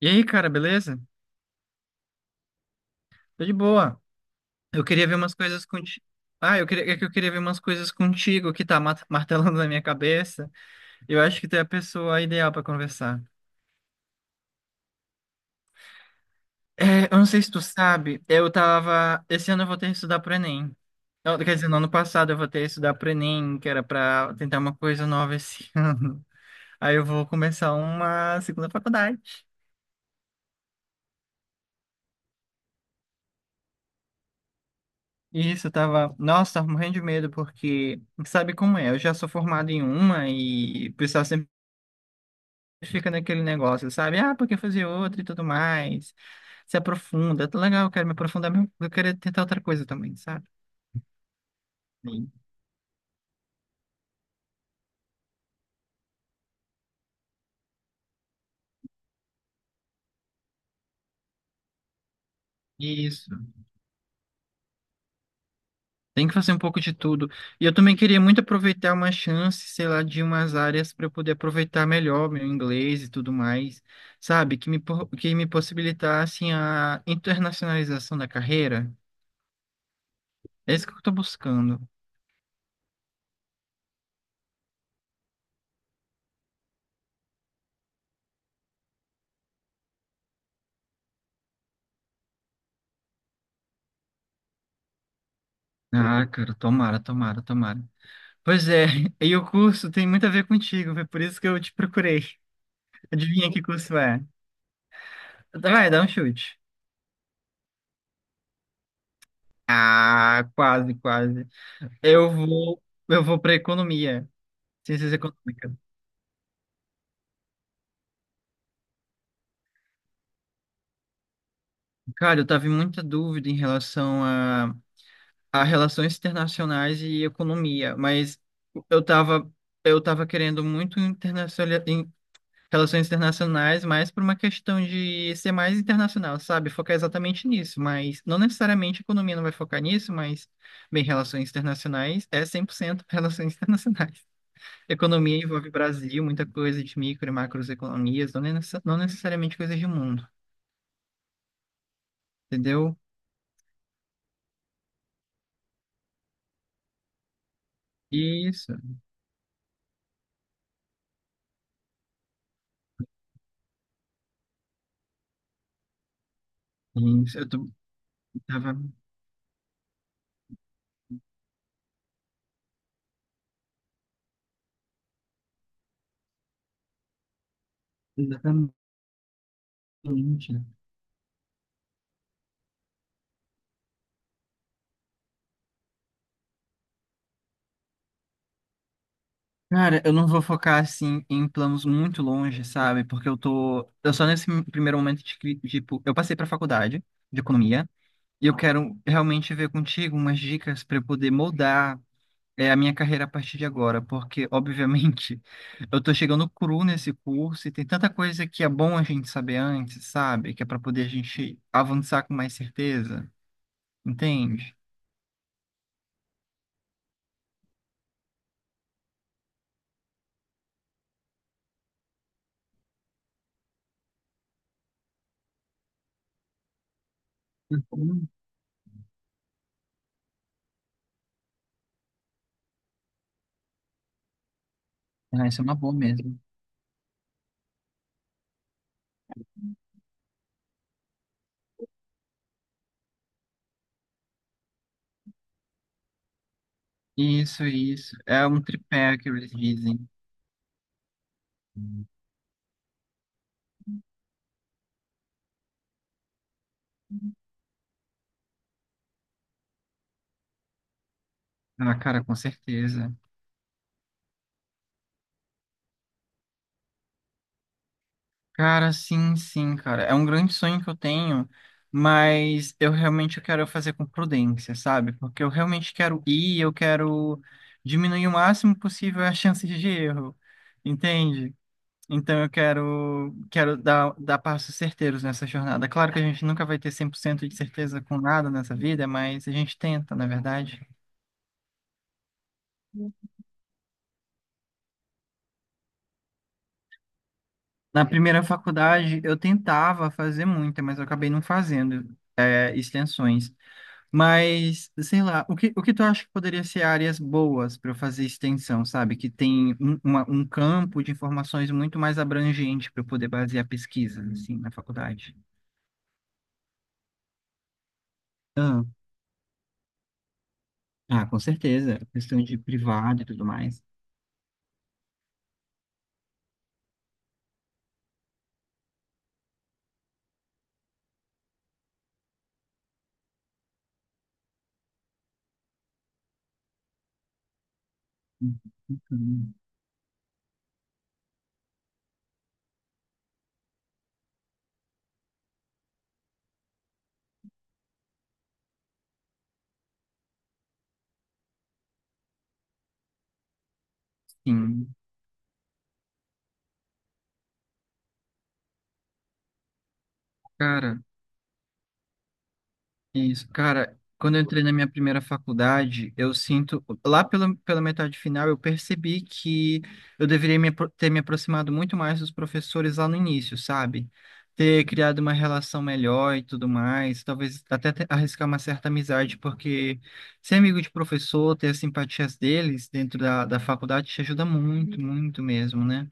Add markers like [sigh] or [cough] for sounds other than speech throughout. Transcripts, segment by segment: E aí, cara, beleza? Tô de boa. Eu queria ver umas coisas contigo. Ah, é que eu queria ver umas coisas contigo que tá [laughs] martelando na minha cabeça. Eu acho que tu é a pessoa ideal pra conversar. É, eu não sei se tu sabe, eu tava. Esse ano eu voltei a estudar pro Enem. Não, quer dizer, no ano passado eu voltei a estudar pro Enem, que era pra tentar uma coisa nova esse [laughs] ano. Aí eu vou começar uma segunda faculdade. Isso, eu tava. Nossa, tava morrendo de medo, porque sabe como é? Eu já sou formado em uma e o pessoal sempre fica naquele negócio, sabe? Ah, porque fazer outro e tudo mais. Se aprofunda. Tá legal, eu quero me aprofundar, mas eu quero tentar outra coisa também, sabe? Sim. Isso. Tem que fazer um pouco de tudo. E eu também queria muito aproveitar uma chance, sei lá, de umas áreas para eu poder aproveitar melhor meu inglês e tudo mais, sabe? Que me possibilitasse a internacionalização da carreira. É isso que eu tô buscando. Ah, cara, tomara, tomara, tomara. Pois é, [laughs] e o curso tem muito a ver contigo, foi por isso que eu te procurei. Adivinha que curso é? Vai, dá um chute. Ah, quase, quase. Eu vou, eu vou para economia, ciências econômicas. Cara, eu tava em muita dúvida em relação a relações internacionais e economia, mas eu tava, eu tava querendo muito internacional, em relações internacionais, mais por uma questão de ser mais internacional, sabe? Focar exatamente nisso, mas não necessariamente economia não vai focar nisso, mas, bem, relações internacionais é 100% [laughs] relações internacionais. Economia envolve Brasil, muita coisa de micro e macroeconomias, não, não necessariamente coisas de mundo, entendeu? Isso, isso, eu tô, tava... Exatamente. Cara, eu não vou focar, assim, em planos muito longe, sabe? Porque eu tô... Eu só nesse primeiro momento de, tipo, eu passei pra faculdade de economia, e eu quero realmente ver contigo umas dicas para eu poder moldar a minha carreira a partir de agora, porque, obviamente, [laughs] eu tô chegando cru nesse curso e tem tanta coisa que é bom a gente saber antes, sabe? Que é para poder a gente avançar com mais certeza, entende? Uhum. Ah, isso é uma boa mesmo. Isso, isso. É um tripé que eles dizem. Ah, cara, com certeza. Cara, sim, sim, cara. É um grande sonho que eu tenho, mas eu realmente quero fazer com prudência, sabe? Porque eu realmente quero ir, eu quero diminuir o máximo possível as chances [laughs] de erro, entende? Então eu quero, quero dar passos certeiros nessa jornada. Claro que a gente nunca vai ter 100% de certeza com nada nessa vida, mas a gente tenta, na verdade. Na primeira faculdade, eu tentava fazer muita, mas eu acabei não fazendo, é, extensões. Mas, sei lá, o que tu acha que poderia ser áreas boas para eu fazer extensão, sabe? Que tem um campo de informações muito mais abrangente para eu poder basear pesquisas, assim, na faculdade. Ah, ah, com certeza. Questão de privado e tudo mais. Uhum. Sim. Cara. Isso, cara, quando eu entrei na minha primeira faculdade, eu sinto, lá pela metade final, eu percebi que eu deveria me apro- ter me aproximado muito mais dos professores lá no início, sabe? Ter criado uma relação melhor e tudo mais, talvez até te- arriscar uma certa amizade, porque ser amigo de professor, ter as simpatias deles dentro da faculdade te ajuda muito, muito mesmo, né?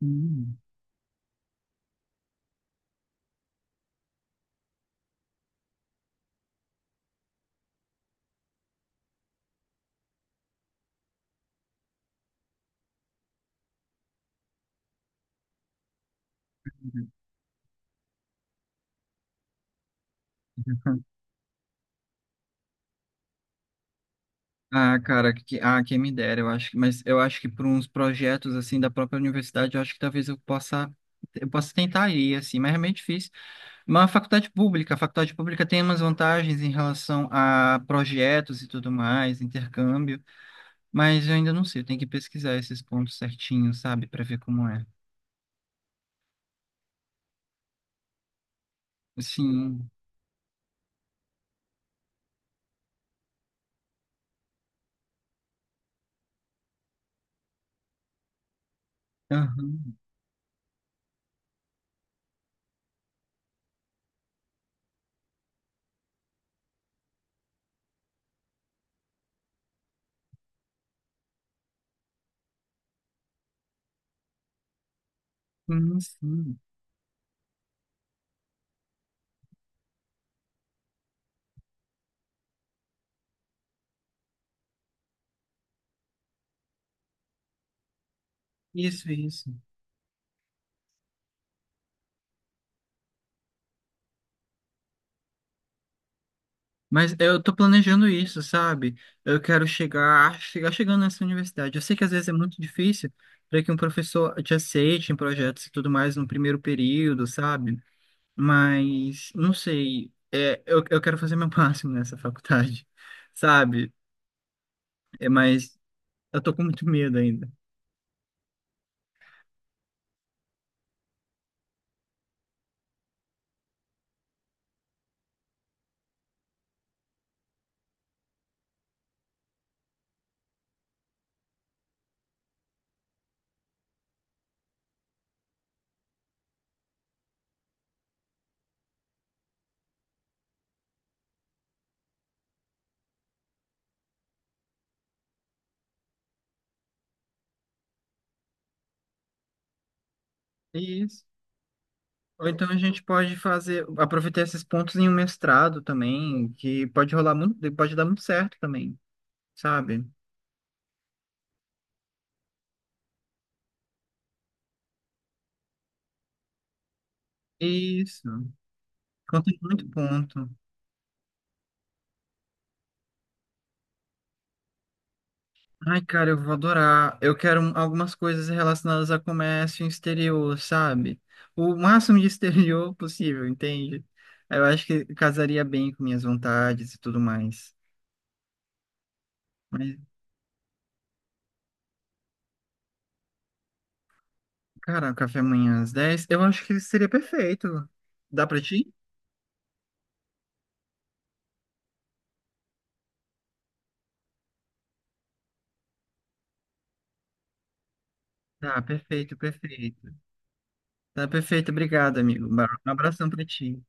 Hum. Ah, cara, que, ah, quem me dera, eu acho que, mas eu acho que por uns projetos assim da própria universidade, eu acho que talvez eu possa tentar ir, assim, mas é meio difícil. Mas a faculdade pública tem umas vantagens em relação a projetos e tudo mais, intercâmbio, mas eu ainda não sei, eu tenho que pesquisar esses pontos certinhos, sabe, para ver como é. Sim, aham, sim, sim. Isso, isso. Mas eu tô planejando isso, sabe? Eu quero chegar chegando nessa universidade. Eu sei que às vezes é muito difícil para que um professor te aceite em projetos e tudo mais no primeiro período, sabe? Mas não sei, é, eu quero fazer meu [laughs] máximo nessa faculdade, sabe? É, mas eu tô com muito medo ainda. Isso. Ou então a gente pode fazer, aproveitar esses pontos em um mestrado também, que pode rolar muito, pode dar muito certo também, sabe? Isso, conta muito ponto. Ai, cara, eu vou adorar. Eu quero algumas coisas relacionadas a comércio exterior, sabe? O máximo de [laughs] exterior possível, entende? Eu acho que casaria bem com minhas vontades e tudo mais. Mas, cara, um café amanhã às 10h eu acho que seria perfeito. Dá pra ti? Tá, perfeito, perfeito. Tá perfeito, obrigado, amigo. Um abração pra ti.